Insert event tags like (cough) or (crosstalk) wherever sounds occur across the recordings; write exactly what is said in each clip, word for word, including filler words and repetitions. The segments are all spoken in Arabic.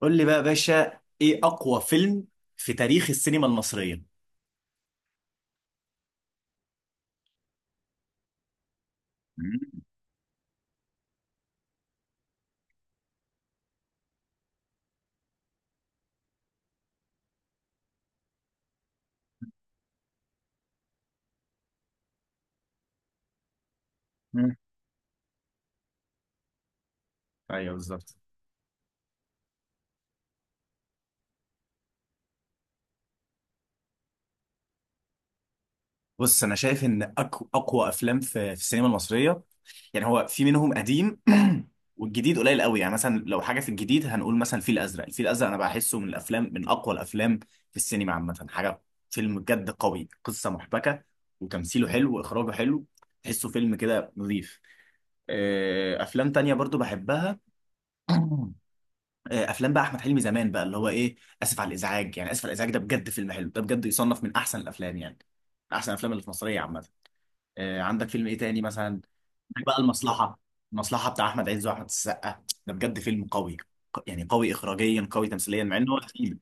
قول لي بقى يا باشا، ايه اقوى فيلم في تاريخ السينما المصريه؟ مم. مم. ايوه، بالظبط. بص، انا شايف ان أك- اقوى افلام في في السينما المصريه. يعني هو في منهم قديم. (clears throat) والجديد قليل قوي. يعني مثلا لو حاجه في الجديد هنقول مثلا الفيل الازرق. الفيل الازرق انا بحسه من الافلام، من اقوى الافلام في السينما عامه. حاجه، فيلم بجد قوي، قصه محبكه وتمثيله حلو واخراجه حلو. تحسه فيلم كده نظيف. آه، افلام تانية برضو بحبها. (clears throat) آه، افلام بقى احمد حلمي زمان، بقى اللي هو ايه، اسف على الازعاج. يعني اسف على الازعاج ده بجد فيلم حلو. ده بجد يصنف من احسن الافلام، يعني من احسن الافلام اللي في مصريه عامه. آه، عندك فيلم ايه تاني؟ مثلا عندك بقى المصلحه. المصلحه بتاع احمد عز واحمد السقا ده بجد فيلم قوي. ق- يعني قوي اخراجيا، قوي تمثيليا، مع انه هو تقيل.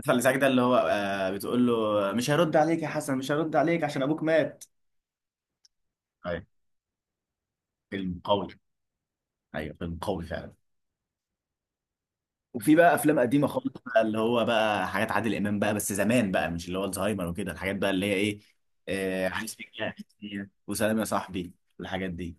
اسف على الازعاج ده اللي هو آه، بتقول له مش هرد عليك يا حسن، مش هرد عليك عشان ابوك مات. ايوه فيلم قوي، ايوه فيلم قوي فعلا. وفي بقى افلام قديمه خالص بقى اللي هو بقى حاجات عادل امام، بقى بس زمان بقى، مش اللي هو الزهايمر وكده، الحاجات بقى اللي هي ايه، آه عايز فيك، وسلام يا صاحبي، والحاجات دي.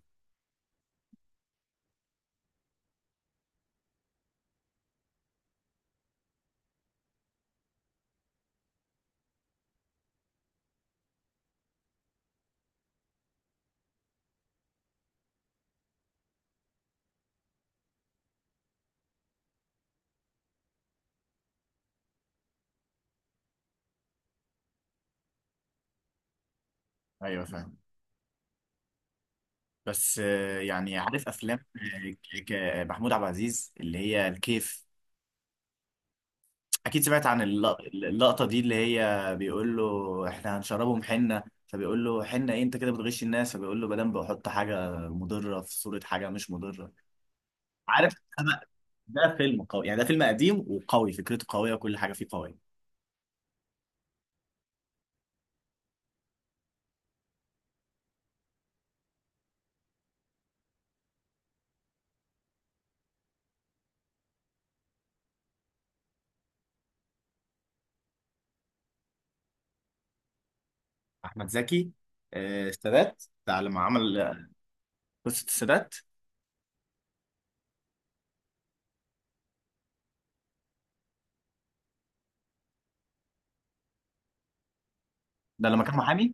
ايوه فاهم. بس آه، يعني عارف افلام، آه، ك- ك- محمود عبد العزيز اللي هي الكيف. اكيد سمعت عن اللق- اللقطه دي، اللي هي بيقول له احنا هنشربهم حنه، فبيقول له حنه ايه، انت كده بتغش الناس، فبيقول له مدام بحط حاجه مضره في صوره حاجه مش مضره. عارف، ده فيلم قوي يعني، ده فيلم قديم وقوي، فكرته قوية وكل حاجة فيه قوية. أحمد زكي. آه، السادات ده لما عمل آه، قصة السادات، ده لما كان محامي.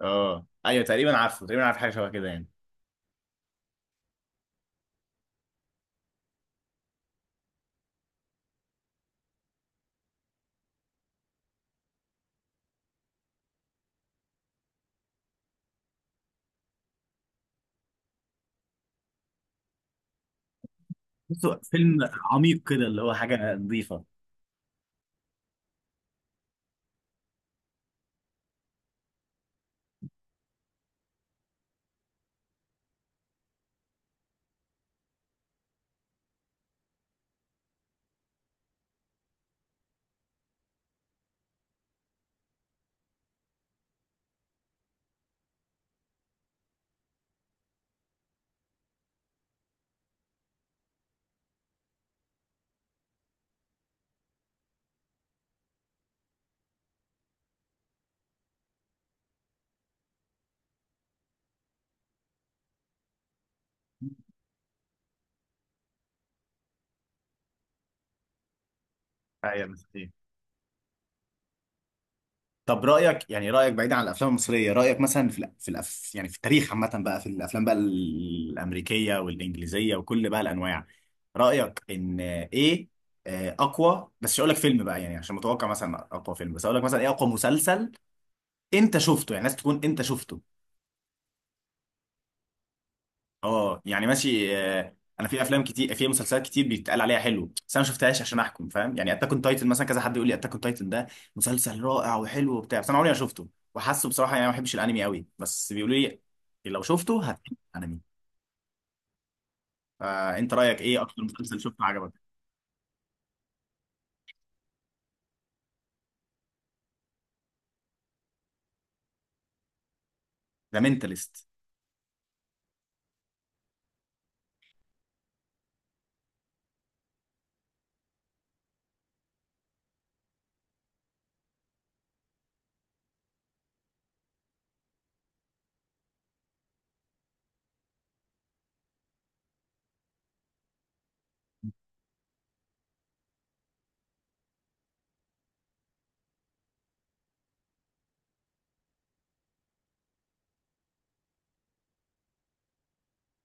اه، ايوه تقريبا عارفه، تقريبا عارف حاجة شبه كده يعني. بصوا فيلم عميق كده اللي هو حاجة نظيفة. ايوه صحيح. طب رأيك، يعني رأيك بعيد عن الأفلام المصرية، رأيك مثلا في الأ- في الأف يعني في التاريخ عامة بقى، في الأفلام بقى الأمريكية والإنجليزية وكل بقى الأنواع، رأيك إن إيه آه، أقوى؟ بس مش هقول لك فيلم بقى يعني عشان متوقع مثلا أقوى فيلم، بس هقول لك مثلا إيه أقوى مسلسل أنت شفته؟ يعني لازم تكون أنت شفته. اه يعني ماشي. آه، انا في افلام كتير، في مسلسلات كتير بيتقال عليها حلو بس انا ما شفتهاش عشان احكم، فاهم؟ يعني اتاك اون تايتن مثلا، كذا حد يقول لي اتاك اون تايتن ده مسلسل رائع وحلو وبتاع بس انا عمري ما شفته. وحاسه بصراحه يعني ما بحبش الانمي قوي بس بيقولوا لي لو شفته هتحب الانمي. فانت رايك ايه اكتر مسلسل شفته عجبك؟ ذا مينتالست.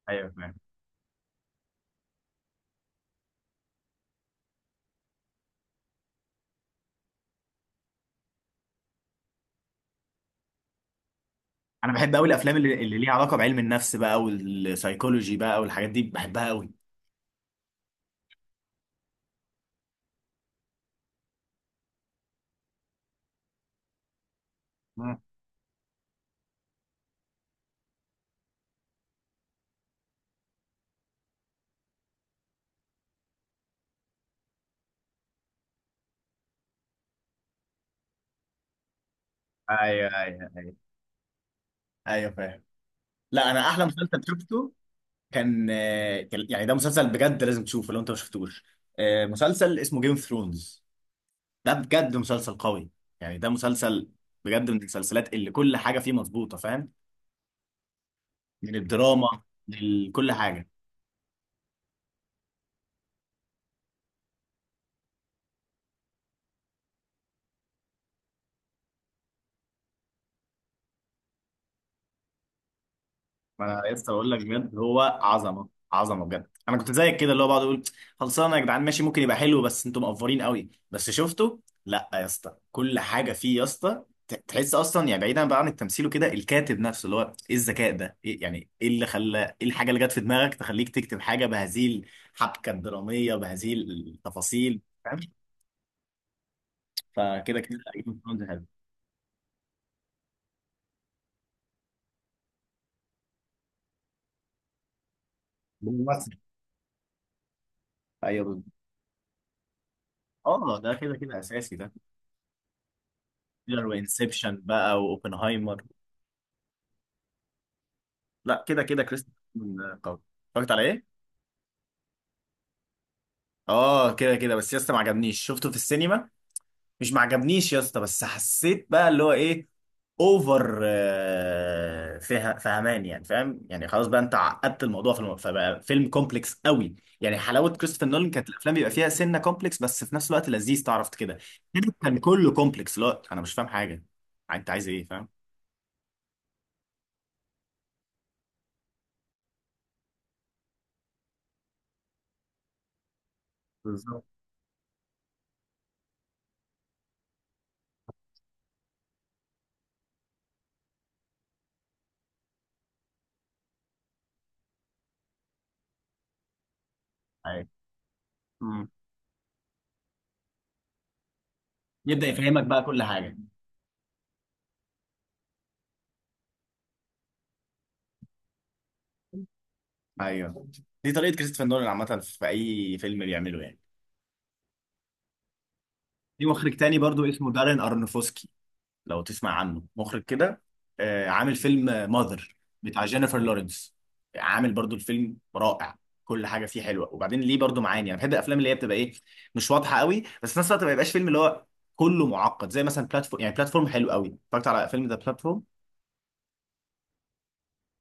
ايوه فاهم. انا بحب قوي الافلام اللي, اللي ليها علاقه بعلم النفس بقى والسايكولوجي بقى والحاجات دي، بحبها قوي. مم. ايوه ايوه. ايوه فاهم. لا، انا احلى مسلسل شفته كان، آه، كان- يعني ده مسلسل بجد لازم تشوفه لو انت ما شفتوش. آه، مسلسل اسمه جيم اوف ثرونز. ده بجد مسلسل قوي. يعني ده مسلسل بجد من المسلسلات اللي كل حاجه فيه مظبوطه، فاهم؟ من الدراما لكل حاجه. ما انا لسه بقول لك بجد هو عظمه عظمه بجد. انا كنت زيك كده اللي هو بقعد اقول خلصانه يا جدعان، ماشي، ممكن يبقى حلو، بس انتوا مقفرين قوي. بس شفته، لا يا اسطى، كل حاجه فيه يا اسطى. ت- تحس اصلا يعني، بعيدا بقى عن التمثيل وكده، الكاتب نفسه اللي هو ايه الذكاء ده، إيه يعني، ايه اللي خلى، ايه الحاجه اللي جت في دماغك تخليك تكتب حاجه بهذه الحبكه الدراميه بهذه التفاصيل، فاهم؟ فكده كده Game of Thrones حلو. بالممثل. ايوه بالظبط. اه، ده كده كده اساسي ده. انسبشن بقى واوبنهايمر. لا، كده كده كريستوفر نولان قوي. اتفرجت على ايه؟ اه كده كده، بس يا اسطى ما عجبنيش. شفته في السينما، مش ما عجبنيش يا اسطى، بس حسيت بقى اللي هو ايه، اوفر، آه، فه- فهمان يعني، فاهم؟ يعني خلاص بقى، انت عقدت الموضوع في الم... فبقى فيلم كومبلكس قوي. يعني حلاوه كريستوفر نولان كانت الافلام بيبقى فيها سنه كومبلكس بس في نفس الوقت لذيذ، تعرف كده. كده كان كله كومبلكس، لا انا مش فاهم حاجه، انت عايز ايه؟ فاهم. بالظبط. أيوة. مم. يبدأ يفهمك بقى كل حاجة. ايوه، دي طريقه كريستوفر نولان عامه في اي فيلم بيعمله يعني. في مخرج تاني برضو اسمه دارين ارنوفسكي، لو تسمع عنه، مخرج كده. آه، عامل فيلم ماذر بتاع جينيفر لورنس. عامل برضو الفيلم رائع، كل حاجه فيه حلوه، وبعدين ليه برضو معاني. انا بحب الافلام اللي هي بتبقى ايه، مش واضحه قوي، بس في نفس الوقت ما يبقاش فيلم اللي هو كله معقد، زي مثلا بلاتفورم. يعني بلاتفورم حلو قوي. اتفرجت على فيلم ذا بلاتفورم؟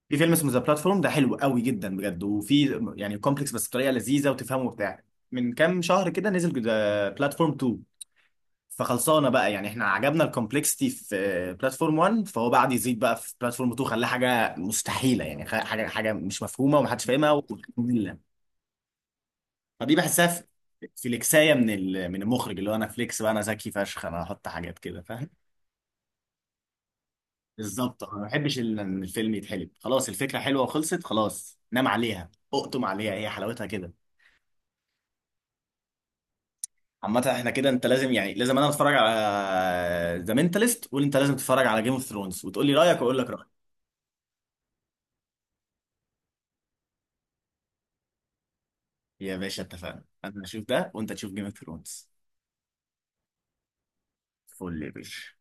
في فيلم اسمه ذا بلاتفورم ده حلو قوي جدا بجد، وفي يعني كومبلكس بس بطريقه لذيذه وتفهمه وبتاع. من كام شهر كده نزل ذا بلاتفورم اتنين. فخلصانه بقى يعني احنا عجبنا الكومبلكسيتي في بلاتفورم واحد، فهو بعد يزيد بقى في بلاتفورم اتنين، خلاه حاجه مستحيله يعني، خ- حاجه حاجه مش مفهومه ومحدش فاهمها ومملة. (laughs) فدي بحسها في في الاكسايه من ال- من المخرج، اللي هو انا فليكس بقى، انا ذكي فشخ، انا هحط حاجات كده، فاهم. بالظبط. انا ما بحبش ال- ان الفيلم يتحلب. خلاص الفكره حلوه وخلصت، خلاص، نام عليها، اقطم عليها، هي حلاوتها كده. عامة احنا كده، انت لازم يعني، لازم انا اتفرج على ذا مينتاليست وقول، انت لازم تتفرج على جيم اوف ثرونز وتقول لي رايك واقول لك رايي. يا باشا اتفقنا، انا هشوف ده وانت تشوف جيم اوف ثرونز. فل يا باشا.